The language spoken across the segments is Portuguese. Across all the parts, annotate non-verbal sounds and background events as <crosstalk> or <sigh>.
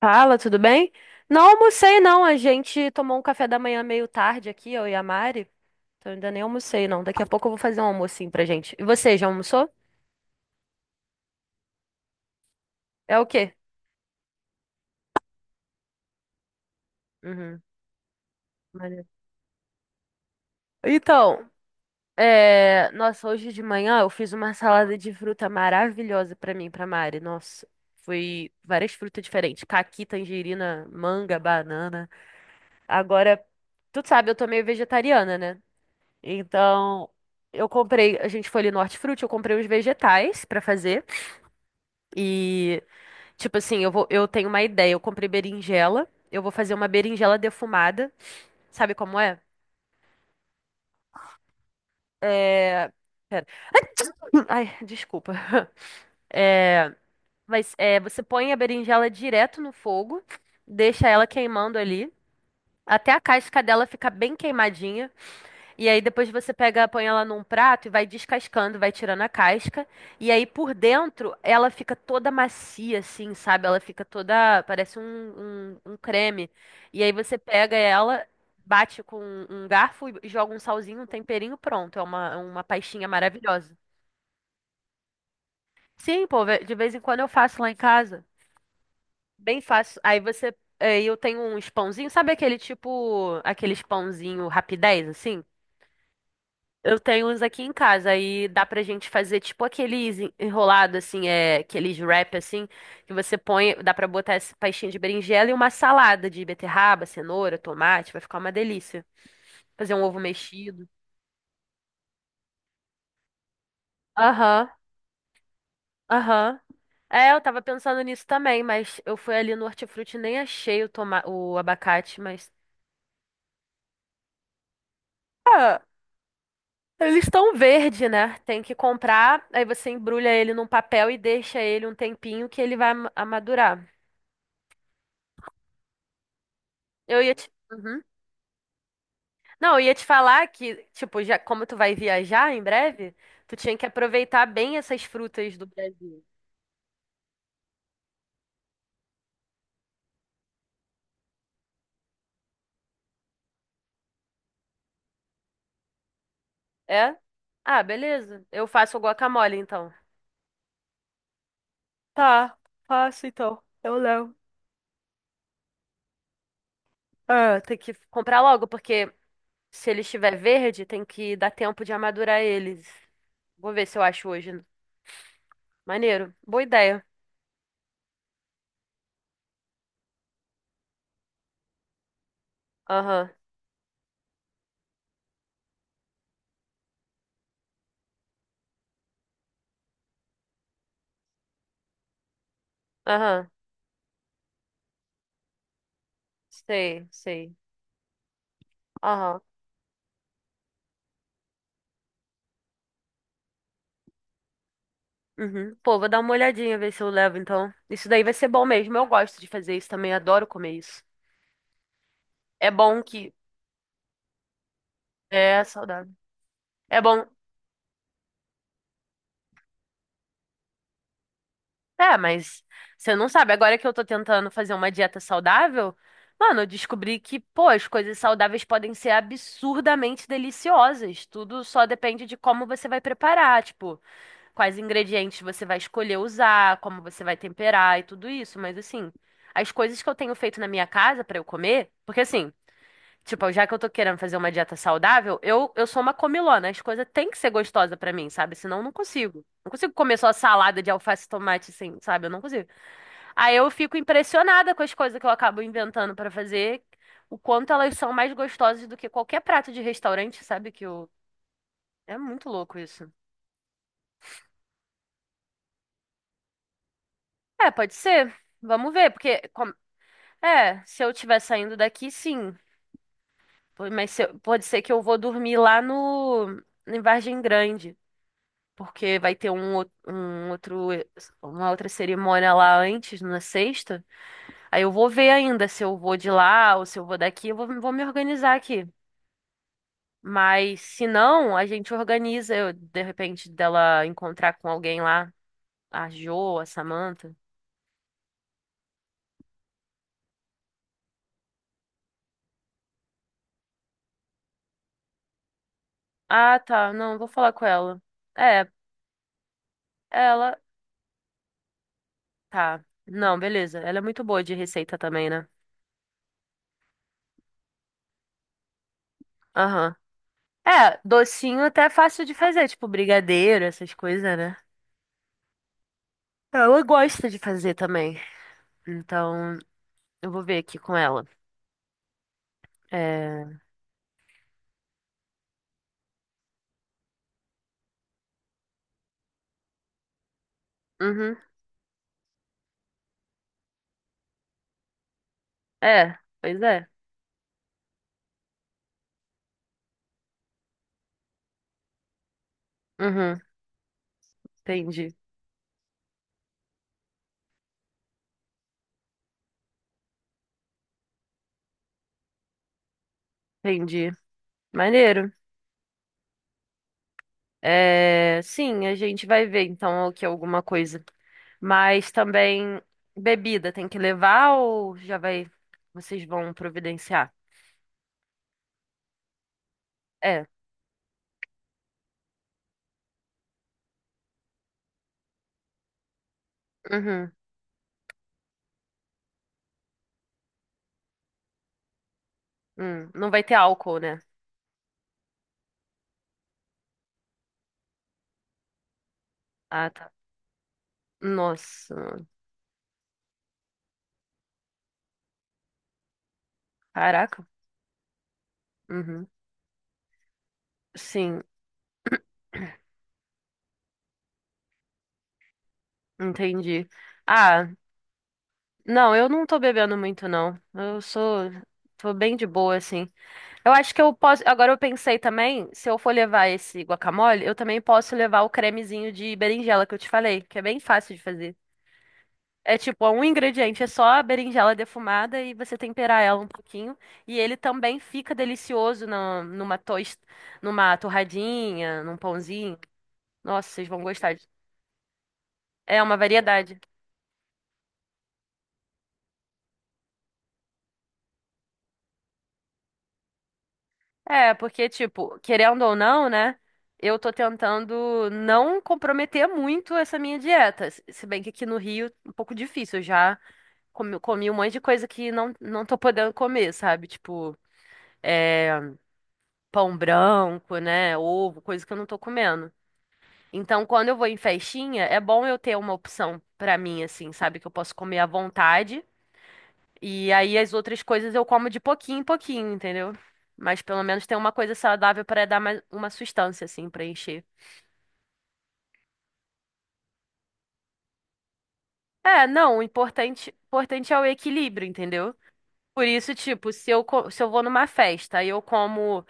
Fala, tudo bem? Não almocei, não. A gente tomou um café da manhã meio tarde aqui, eu e a Mari. Então ainda nem almocei, não. Daqui a pouco eu vou fazer um almocinho pra gente. E você, já almoçou? É o quê? Uhum. Maneiro. Então, nossa, hoje de manhã eu fiz uma salada de fruta maravilhosa pra mim, e pra Mari. Nossa, foi várias frutas diferentes. Caqui, tangerina, manga, banana. Agora, tu sabe, eu tô meio vegetariana, né? Então, eu comprei, a gente foi ali no Hortifruti, eu comprei uns vegetais pra fazer. E, tipo assim, eu tenho uma ideia. Eu comprei berinjela, eu vou fazer uma berinjela defumada. Sabe como é? É... <clears throat> Ai, desculpa. <laughs> É... Mas é, você põe a berinjela direto no fogo, deixa ela queimando ali, até a casca dela ficar bem queimadinha. E aí depois você pega, põe ela num prato e vai descascando, vai tirando a casca. E aí por dentro ela fica toda macia, assim, sabe? Ela fica toda, parece um creme. E aí você pega ela, bate com um garfo e joga um salzinho, um temperinho, pronto. É uma pastinha maravilhosa. Sim, pô, de vez em quando eu faço lá em casa. Bem fácil. Aí eu tenho uns pãozinhos, sabe aquele tipo, aqueles pãozinho rapidez, assim? Eu tenho uns aqui em casa aí dá pra gente fazer tipo aqueles enrolado assim, aqueles wrap assim, que você põe, dá pra botar essa pastinha de berinjela e uma salada de beterraba, cenoura, tomate, vai ficar uma delícia. Fazer um ovo mexido. Aham, aham. É, eu tava pensando nisso também, mas eu fui ali no Hortifruti e nem achei o abacate, mas. Ah, eles estão verde, né? Tem que comprar, aí você embrulha ele num papel e deixa ele um tempinho que ele vai amadurar. Eu ia te. Uhum. Não, eu ia te falar que, tipo, já como tu vai viajar em breve, tu tinha que aproveitar bem essas frutas do Brasil. É? Ah, beleza. Eu faço o guacamole, então. Tá, faço então. Eu levo. Ah, tem que comprar logo, porque se ele estiver verde, tem que dar tempo de amadurar eles. Vou ver se eu acho hoje. Maneiro. Boa ideia. Aham. Aham. Sei, sei. Aham. Uhum. Pô, vou dar uma olhadinha, ver se eu levo, então. Isso daí vai ser bom mesmo. Eu gosto de fazer isso também, adoro comer isso. É bom que. É saudável. É bom. É, mas você não sabe. Agora que eu tô tentando fazer uma dieta saudável, mano, eu descobri que, pô, as coisas saudáveis podem ser absurdamente deliciosas. Tudo só depende de como você vai preparar, tipo, quais ingredientes você vai escolher usar, como você vai temperar e tudo isso. Mas assim, as coisas que eu tenho feito na minha casa pra eu comer, porque assim. Tipo, já que eu tô querendo fazer uma dieta saudável, eu sou uma comilona. As coisas têm que ser gostosas pra mim, sabe? Senão eu não consigo. Não consigo comer só salada de alface e tomate, assim, sabe? Eu não consigo. Aí eu fico impressionada com as coisas que eu acabo inventando pra fazer, o quanto elas são mais gostosas do que qualquer prato de restaurante, sabe? Que eu. É muito louco isso. É, pode ser. Vamos ver, porque, é, se eu estiver saindo daqui, sim. Pô, mas se eu- pode ser que eu vou dormir lá no em Vargem Grande, porque vai ter um outro, uma outra cerimônia lá antes, na sexta. Aí eu vou ver ainda se eu vou de lá ou se eu vou daqui, eu vou me organizar aqui. Mas se não, a gente organiza, eu, de repente, dela encontrar com alguém lá, a Jo, a Samantha. Ah, tá, não, vou falar com ela. É, ela, tá. Não, beleza, ela é muito boa de receita também, né? Aham. É, docinho até é fácil de fazer, tipo brigadeiro, essas coisas, né? Ela gosta de fazer também. Então, eu vou ver aqui com ela. É. Uhum. É, pois é. Uhum. Entendi. Entendi. Maneiro. É, sim, a gente vai ver então o que é alguma coisa. Mas também bebida tem que levar ou já vai. Vocês vão providenciar? É. Uhum. Hum. Não vai ter álcool, né? Ah, tá. Nossa. Caraca. Uhum. Sim, entendi. Ah. Não, eu não tô bebendo muito, não. Eu sou. Tô bem de boa, assim. Eu acho que eu posso. Agora eu pensei também, se eu for levar esse guacamole, eu também posso levar o cremezinho de berinjela que eu te falei, que é bem fácil de fazer. É tipo, é um ingrediente, é só a berinjela defumada e você temperar ela um pouquinho. E ele também fica delicioso numa torradinha, num pãozinho. Nossa, vocês vão gostar. É uma variedade. É, porque, tipo, querendo ou não, né? Eu tô tentando não comprometer muito essa minha dieta. Se bem que aqui no Rio, um pouco difícil. Eu já comi um monte de coisa que não tô podendo comer, sabe? Tipo, é, pão branco, né? Ovo, coisa que eu não tô comendo. Então, quando eu vou em festinha, é bom eu ter uma opção pra mim, assim, sabe? Que eu posso comer à vontade e aí as outras coisas eu como de pouquinho em pouquinho, entendeu? Mas pelo menos tem uma coisa saudável pra dar mais uma sustância assim pra encher. É, não, o importante, importante é o equilíbrio, entendeu? Por isso, tipo, se eu vou numa festa e eu como,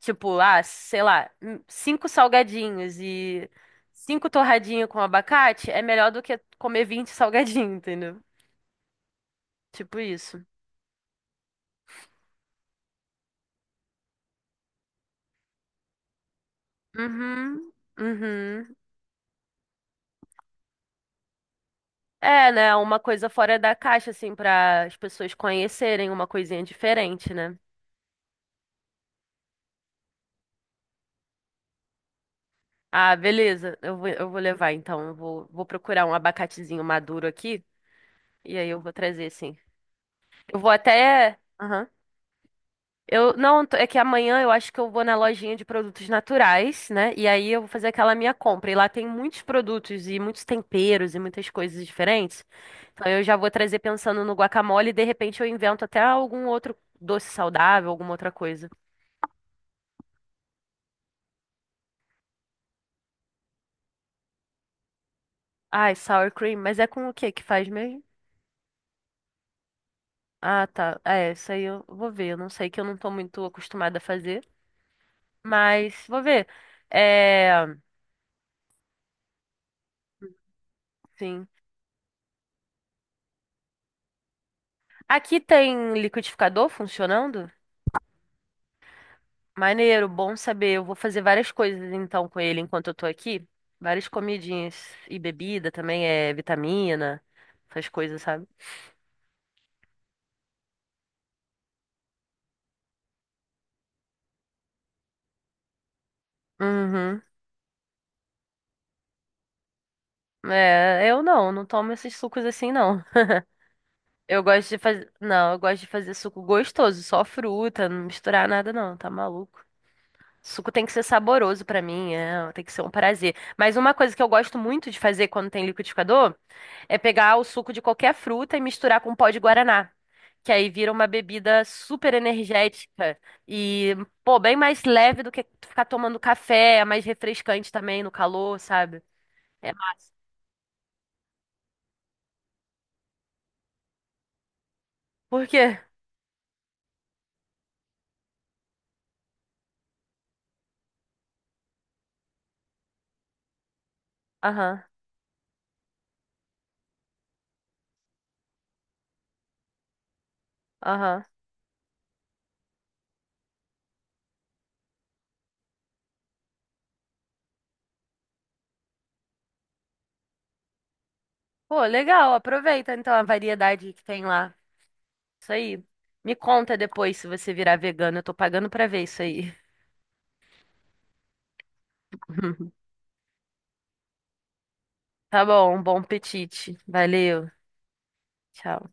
tipo, ah, sei lá, cinco salgadinhos e cinco torradinhas com abacate, é melhor do que comer 20 salgadinhos, entendeu? Tipo isso. Uhum, uhum. É, né? Uma coisa fora da caixa, assim, para as pessoas conhecerem uma coisinha diferente, né? Ah, beleza. Eu vou levar, então. Eu vou procurar um abacatezinho maduro aqui. E aí eu vou trazer, sim. Eu vou até. Aham. Eu, não, é que amanhã eu acho que eu vou na lojinha de produtos naturais, né? E aí eu vou fazer aquela minha compra. E lá tem muitos produtos e muitos temperos e muitas coisas diferentes. Então eu já vou trazer pensando no guacamole e de repente eu invento até algum outro doce saudável, alguma outra coisa. Ai, sour cream, mas é com o que que faz mesmo? Ah, tá. É, isso aí eu vou ver. Eu não sei que eu não tô muito acostumada a fazer, mas vou ver. É, sim. Aqui tem liquidificador funcionando? Maneiro, bom saber. Eu vou fazer várias coisas então com ele enquanto eu tô aqui. Várias comidinhas e bebida também, é vitamina, essas coisas, sabe? Uhum. É, eu não tomo esses sucos assim, não. Eu gosto de fazer. Não, eu gosto de fazer suco gostoso, só fruta, não misturar nada não, tá maluco? Suco tem que ser saboroso pra mim, tem que ser um prazer. Mas uma coisa que eu gosto muito de fazer quando tem liquidificador é pegar o suco de qualquer fruta e misturar com pó de guaraná, que aí vira uma bebida super energética e, pô, bem mais leve do que ficar tomando café, é mais refrescante também no calor, sabe? É, por quê? Aham, aham. Pô, legal, aproveita então a variedade que tem lá. Isso aí. Me conta depois se você virar vegano. Eu tô pagando pra ver isso aí. <laughs> Tá bom, bom apetite. Valeu. Tchau.